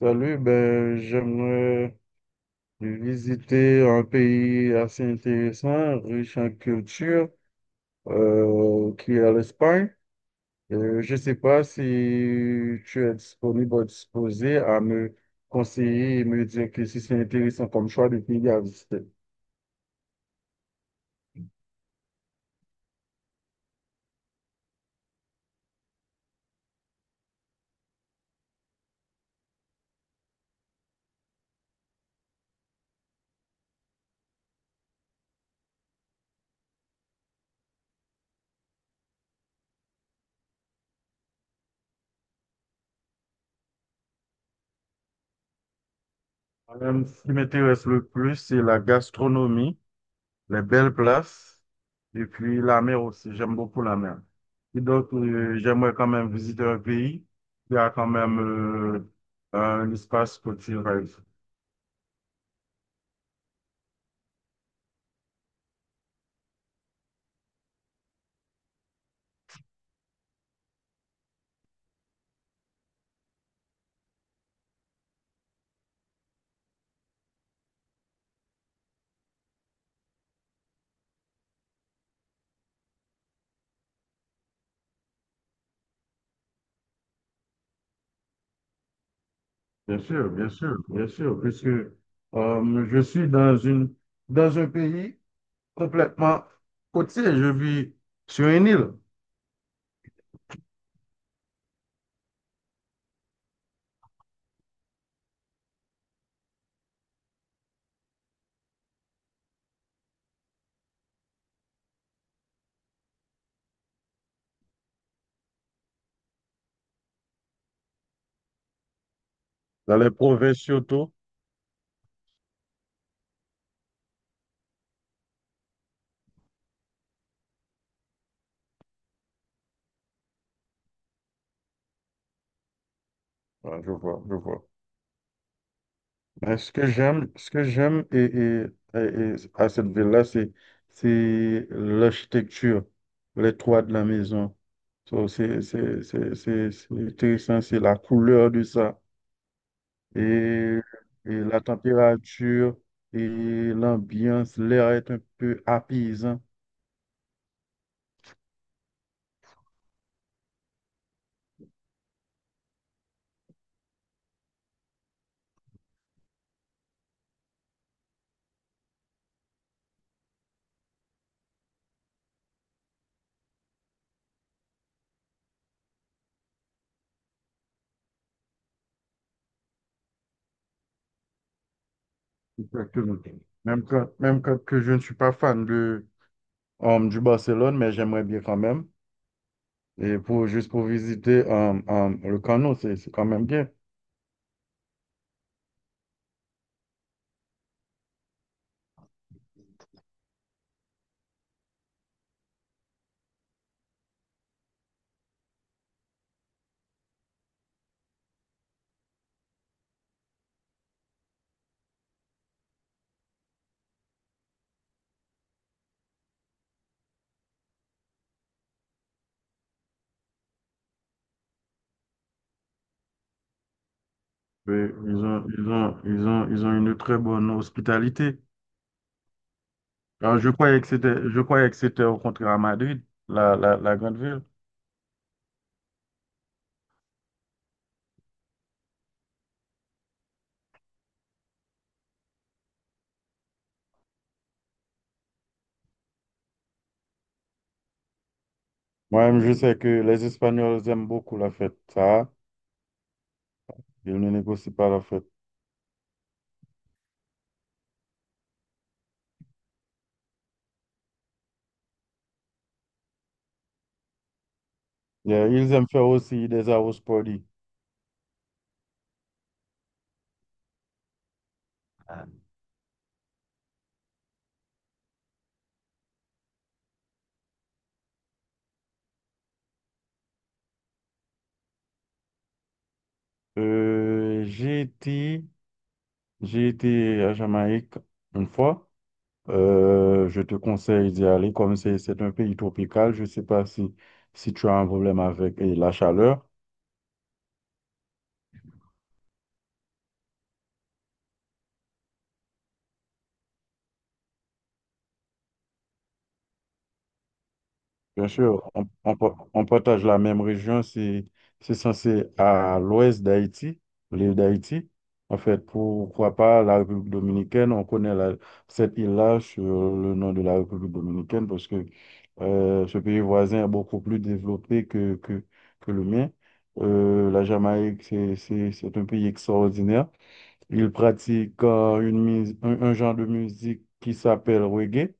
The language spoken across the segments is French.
Salut, j'aimerais visiter un pays assez intéressant, riche en culture, qui est l'Espagne. Je ne sais pas si tu es disponible ou disposé à me conseiller et me dire que si c'est intéressant comme choix de pays à visiter. Ce qui m'intéresse le plus, c'est la gastronomie, les belles places et puis la mer aussi. J'aime beaucoup la mer. Et donc, j'aimerais quand même visiter un pays qui a quand même un espace côtier, par exemple. Bien sûr, bien sûr, bien sûr, puisque je suis dans un pays complètement côtier. Je vis sur une île, dans les provinces surtout. Ah, je vois, je vois. Mais ce que j'aime à cette ville-là, c'est l'architecture, les toits de la maison. So, c'est intéressant, c'est la couleur de ça, et, et la température, et l'ambiance, l'air est un peu apaisant. Exactement. Même quand que je ne suis pas fan de, du Barcelone, mais j'aimerais bien quand même. Et pour, juste pour visiter le canot, c'est quand même bien. Mais ils ont, ils ont une très bonne hospitalité. Alors, je croyais que c'était au contraire à Madrid, la grande ville. Moi-même, je sais que les Espagnols aiment beaucoup la fête. Ça, ils ne négocient pas la fête. Et ils aiment faire aussi des arroz poli. Euh, j'ai été, j'ai été à Jamaïque une fois. Je te conseille d'y aller comme c'est un pays tropical. Je ne sais pas si tu as un problème avec la chaleur. Bien sûr, on partage la même région. C'est censé à l'ouest d'Haïti, l'île d'Haïti. En fait, pourquoi pas la République dominicaine? Cette île-là sur le nom de la République dominicaine parce que ce pays voisin est beaucoup plus développé que le mien. La Jamaïque, c'est un pays extraordinaire. Il pratique un genre de musique qui s'appelle reggae.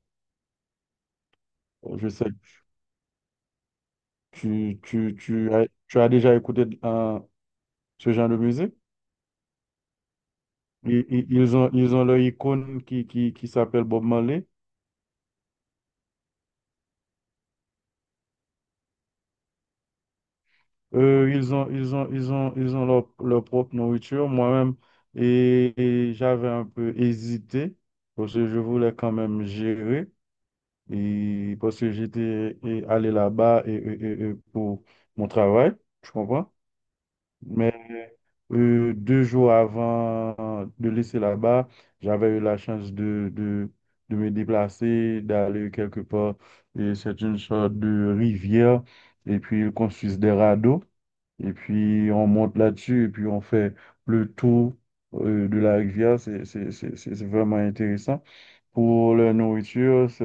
Je sais que tu as déjà écouté ce genre de musique. Ils ont leur icône qui s'appelle Bob Marley. Ils ont leur, leur propre nourriture. Moi-même, et, et j'avais un peu hésité parce que je voulais quand même gérer. Et parce que j'étais et allé là-bas et pour mon travail, tu comprends? Deux jours avant de laisser là-bas, j'avais eu la chance de me déplacer, d'aller quelque part. Et c'est une sorte de rivière. Et puis, ils construisent des radeaux. Et puis, on monte là-dessus. Et puis, on fait le tour de la rivière. C'est vraiment intéressant. Pour la nourriture, c'est-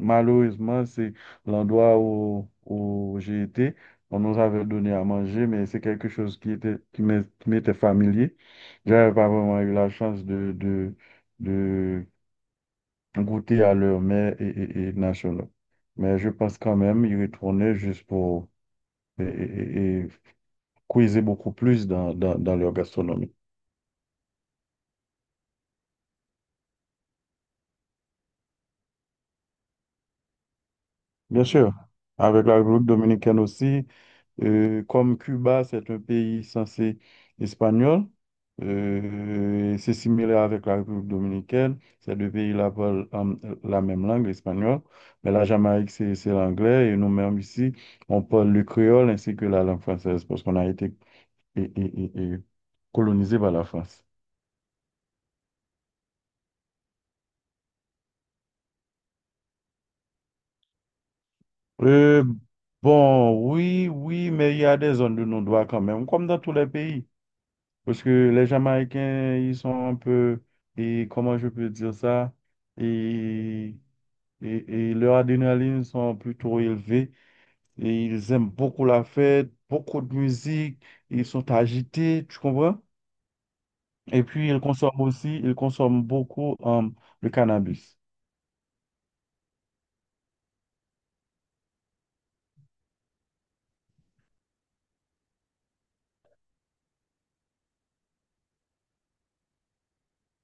Malheureusement, c'est l'endroit où j'ai été. On nous avait donné à manger, mais c'est quelque chose qui m'était familier. J'avais pas vraiment eu la chance de goûter à leur mets et nationaux. Mais je pense quand même y retourner juste pour et puiser beaucoup plus dans leur gastronomie. Bien sûr, avec la République dominicaine aussi. Comme Cuba, c'est un pays censé espagnol, c'est similaire avec la République dominicaine. Ces deux pays-là parlent la même langue, l'espagnol. Mais la Jamaïque, c'est l'anglais. Et nous-mêmes ici, on parle le créole ainsi que la langue française parce qu'on a été et colonisé par la France. Euh, oui, oui, mais il y a des zones de non-droit quand même, comme dans tous les pays. Parce que les Jamaïcains, ils sont un peu, et comment je peux dire ça, et, et, et leur adrénaline sont plutôt élevées et ils aiment beaucoup la fête, beaucoup de musique, ils sont agités, tu comprends? Et puis ils consomment beaucoup le cannabis.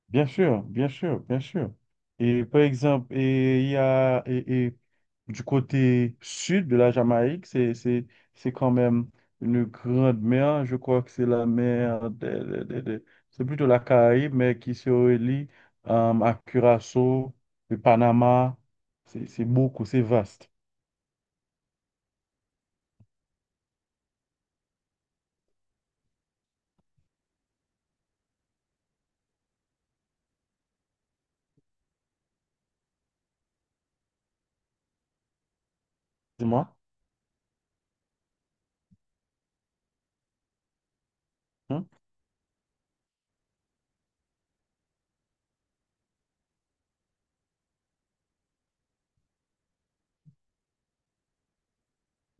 Bien sûr, bien sûr, bien sûr. Et par exemple, et il y a et du côté sud de la Jamaïque, c'est quand même une grande mer. Je crois que c'est la mer c'est plutôt la Caraïbe, mais qui se relie à Curaçao, le Panama. C'est vaste. Dis-moi. Hein?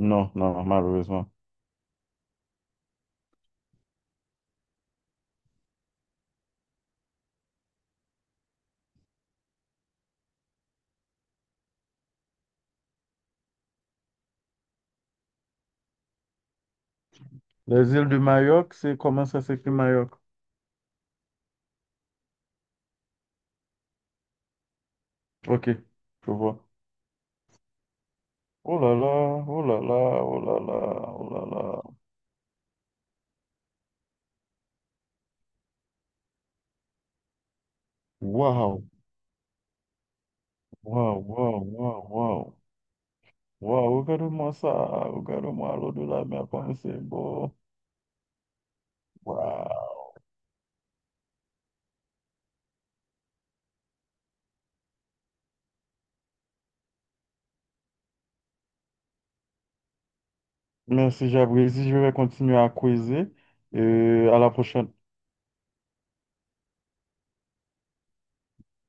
Non, non, malheureusement. Les îles de Mayotte, c'est comment ça s'écrit Mayotte? Ok, je vois. Oh là là, oh là là, oh là là, oh là là. Waouh, waouh, waouh, waouh, waouh. Waouh, regarde-moi ça, regarde-moi l'eau de la mer comme c'est beau. Waouh. Merci, j'apprécie. Je vais continuer à creuser et à la prochaine.